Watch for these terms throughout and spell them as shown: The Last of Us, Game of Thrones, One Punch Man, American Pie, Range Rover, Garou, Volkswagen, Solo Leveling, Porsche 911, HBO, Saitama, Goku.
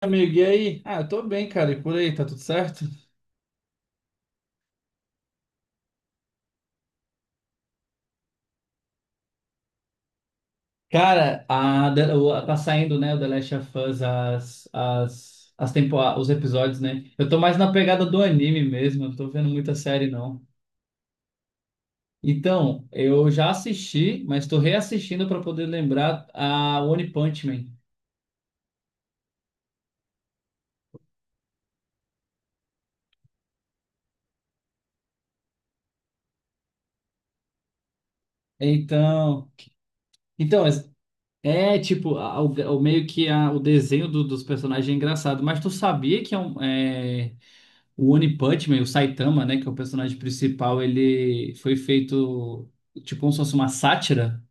Amigo, e aí? Eu tô bem, cara, e por aí, tá tudo certo? Cara, tá saindo, né, o The Last of Us, os episódios, né? Eu tô mais na pegada do anime mesmo, eu não tô vendo muita série, não. Então, eu já assisti, mas tô reassistindo pra poder lembrar a One Punch Man. Então, então é, tipo, o meio que o desenho dos personagens é engraçado, mas tu sabia que é o One Punch Man, o Saitama, né, que é o personagem principal, ele foi feito tipo como se fosse uma sátira.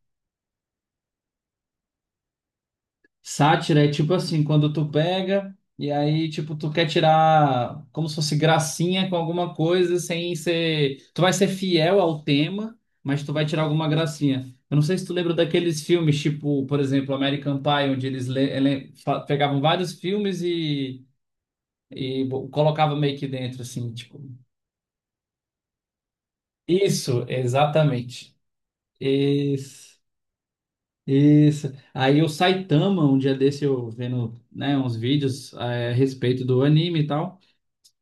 Sátira é tipo assim, quando tu pega e aí tipo tu quer tirar como se fosse gracinha com alguma coisa sem ser, tu vai ser fiel ao tema, mas tu vai tirar alguma gracinha. Eu não sei se tu lembra daqueles filmes tipo, por exemplo, American Pie, onde eles le- ele- fa- pegavam vários filmes e colocavam meio que dentro assim, tipo. Isso, exatamente. Isso, isso. Aí o Saitama, um dia desse eu vendo, né, uns vídeos é, a respeito do anime e tal,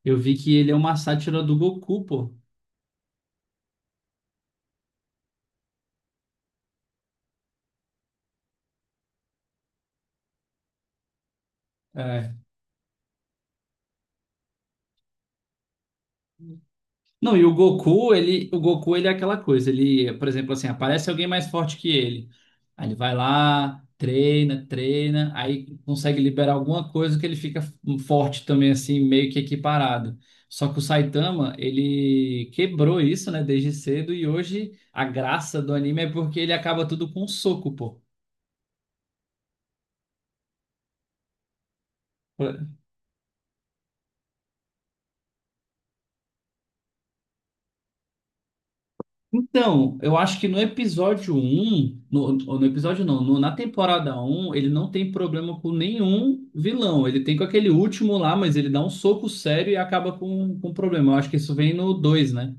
eu vi que ele é uma sátira do Goku, pô. É. Não, e o Goku, ele, o Goku ele é aquela coisa, ele, por exemplo, assim, aparece alguém mais forte que ele. Aí ele vai lá, treina, treina, aí consegue liberar alguma coisa que ele fica forte também, assim, meio que equiparado. Só que o Saitama, ele quebrou isso, né, desde cedo, e hoje a graça do anime é porque ele acaba tudo com um soco, pô. Então, eu acho que no episódio um no, no episódio não, no- na temporada um ele não tem problema com nenhum vilão. Ele tem com aquele último lá, mas ele dá um soco sério e acaba com problema. Eu acho que isso vem no dois, né?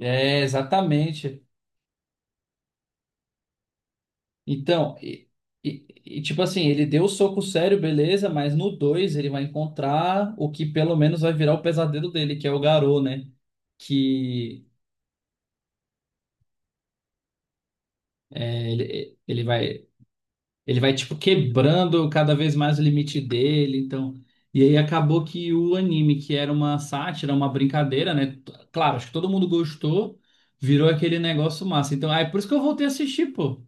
É, exatamente. Então, e, e- e, tipo assim, ele deu o soco sério, beleza, mas no 2 ele vai encontrar o que pelo menos vai virar o pesadelo dele, que é o Garou, né? Que. Ele vai. Ele vai, tipo, quebrando cada vez mais o limite dele, então... E aí acabou que o anime, que era uma sátira, uma brincadeira, né? Claro, acho que todo mundo gostou, virou aquele negócio massa. Então, aí por isso que eu voltei a assistir, pô.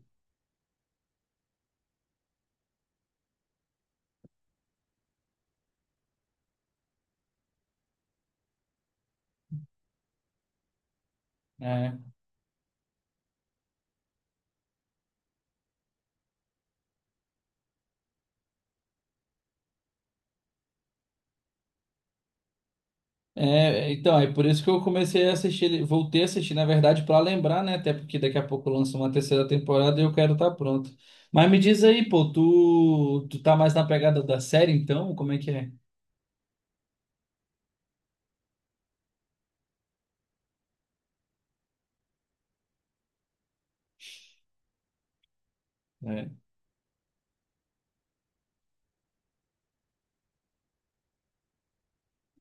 É, então, é por isso que eu comecei a assistir, voltei a assistir, na verdade, pra lembrar, né? Até porque daqui a pouco lança uma terceira temporada e eu quero estar pronto. Mas me diz aí, pô, tu tá mais na pegada da série, então? Como é que é?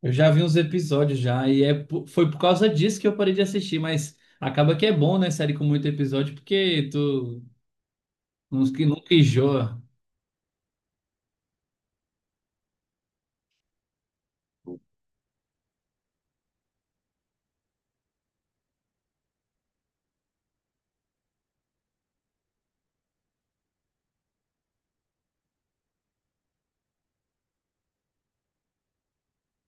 Eu já vi uns episódios já, foi por causa disso que eu parei de assistir, mas acaba que é bom, né, série com muito episódio, porque tu não- que nunca enjoa.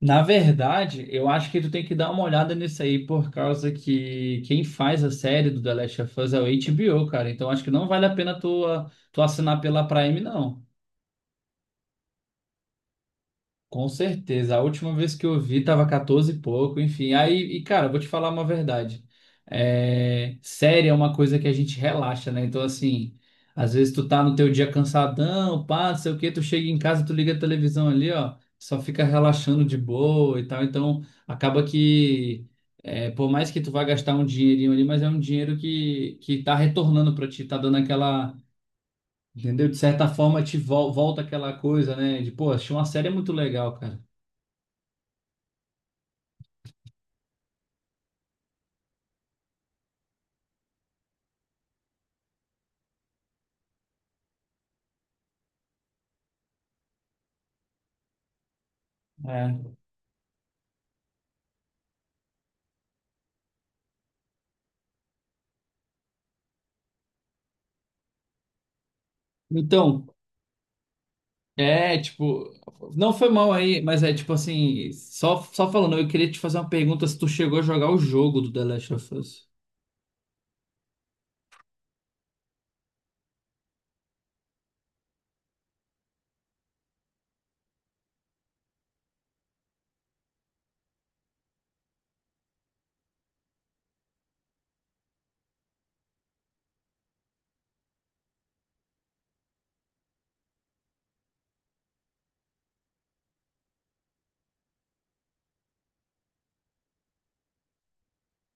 Na verdade, eu acho que tu tem que dar uma olhada nisso aí, por causa que quem faz a série do The Last of Us é o HBO, cara. Então acho que não vale a pena tu assinar pela Prime, não. Com certeza. A última vez que eu vi tava 14 e pouco, enfim. Aí, e cara, vou te falar uma verdade. É, série é uma coisa que a gente relaxa, né? Então, assim, às vezes tu tá no teu dia cansadão, pá, não sei o quê, tu chega em casa, tu liga a televisão ali, ó, só fica relaxando de boa e tal. Então, acaba que, é, por mais que tu vá gastar um dinheirinho ali, mas é um dinheiro que tá retornando pra ti, tá dando aquela, entendeu? De certa forma, volta aquela coisa, né? De, pô, achei uma série muito legal, cara. É. Então, é tipo, não foi mal aí, mas é tipo assim, só, só falando, eu queria te fazer uma pergunta se tu chegou a jogar o jogo do The Last of Us.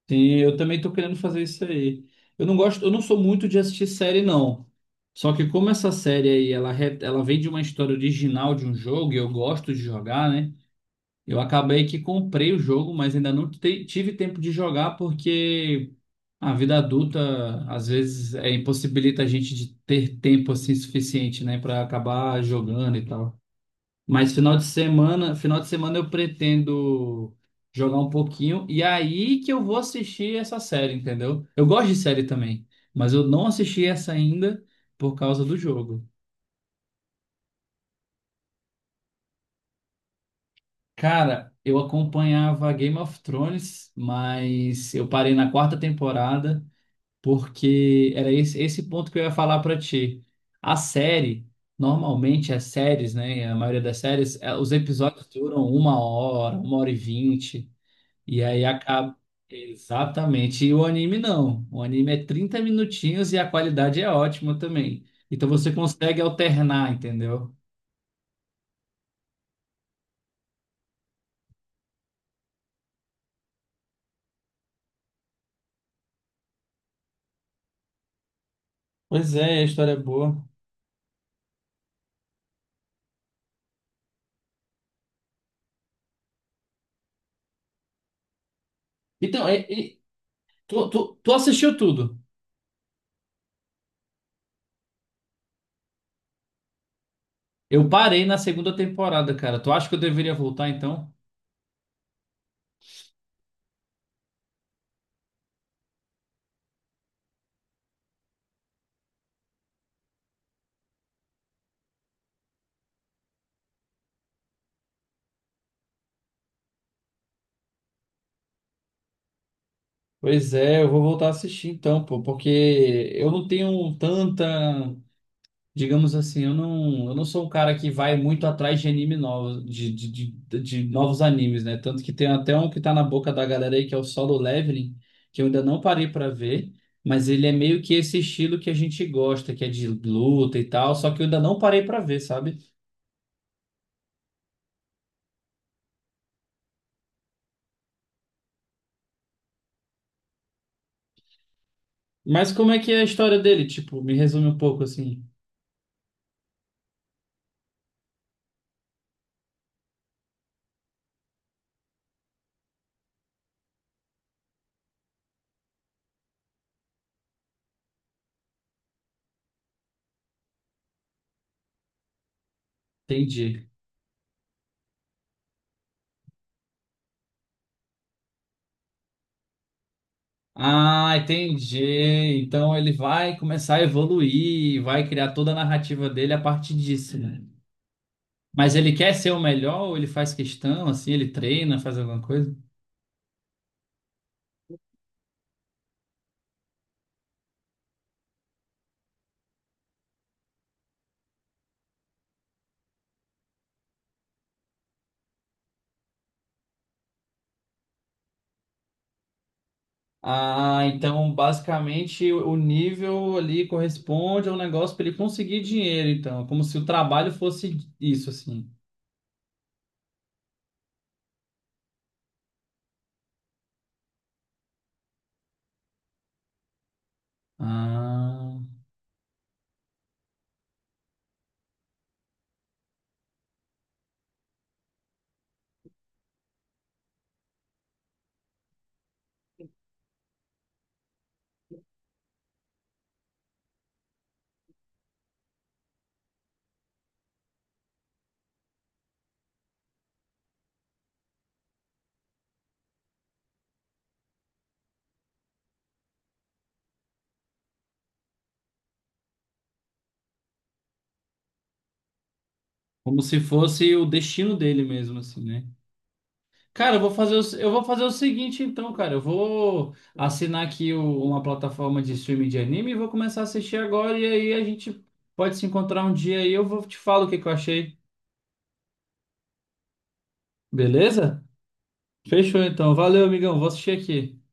Sim, eu também tô querendo fazer isso aí. Eu não gosto, eu não sou muito de assistir série, não. Só que como essa série aí, ela, ela vem de uma história original de um jogo, e eu gosto de jogar, né? Eu acabei que comprei o jogo, mas ainda não te- tive tempo de jogar porque a vida adulta, às vezes, é, impossibilita a gente de ter tempo assim suficiente, né, para acabar jogando e tal. Mas final de semana eu pretendo jogar um pouquinho e aí que eu vou assistir essa série, entendeu? Eu gosto de série também, mas eu não assisti essa ainda por causa do jogo. Cara, eu acompanhava Game of Thrones, mas eu parei na quarta temporada, porque era esse ponto que eu ia falar para ti. A série, normalmente as séries, né, a maioria das séries, os episódios duram uma hora e vinte, e aí acaba. Exatamente. E o anime não. O anime é 30 minutinhos e a qualidade é ótima também. Então você consegue alternar, entendeu? Pois é, a história é boa. Então, é- é- tu, tu assistiu tudo. Eu parei na segunda temporada, cara. Tu acha que eu deveria voltar então? Pois é, eu vou voltar a assistir então, pô, porque eu não tenho tanta, digamos assim, eu não sou um cara que vai muito atrás de anime novos, de novos animes, né? Tanto que tem até um que tá na boca da galera aí, que é o Solo Leveling, que eu ainda não parei pra ver, mas ele é meio que esse estilo que a gente gosta, que é de luta e tal, só que eu ainda não parei pra ver, sabe? Mas como é que é a história dele? Tipo, me resume um pouco assim. Entendi. Ah, entendi. Então ele vai começar a evoluir, vai criar toda a narrativa dele a partir disso, né? Mas ele quer ser o melhor ou ele faz questão, assim, ele treina, faz alguma coisa? Ah, então basicamente o nível ali corresponde ao negócio para ele conseguir dinheiro, então, como se o trabalho fosse isso, assim. Ah, como se fosse o destino dele mesmo, assim, né? Cara, eu vou fazer o seguinte então, cara. Eu vou assinar aqui o- uma plataforma de streaming de anime e vou começar a assistir agora. E aí a gente pode se encontrar um dia e eu vou te falar o que que eu achei. Beleza? Fechou então. Valeu, amigão. Vou assistir aqui.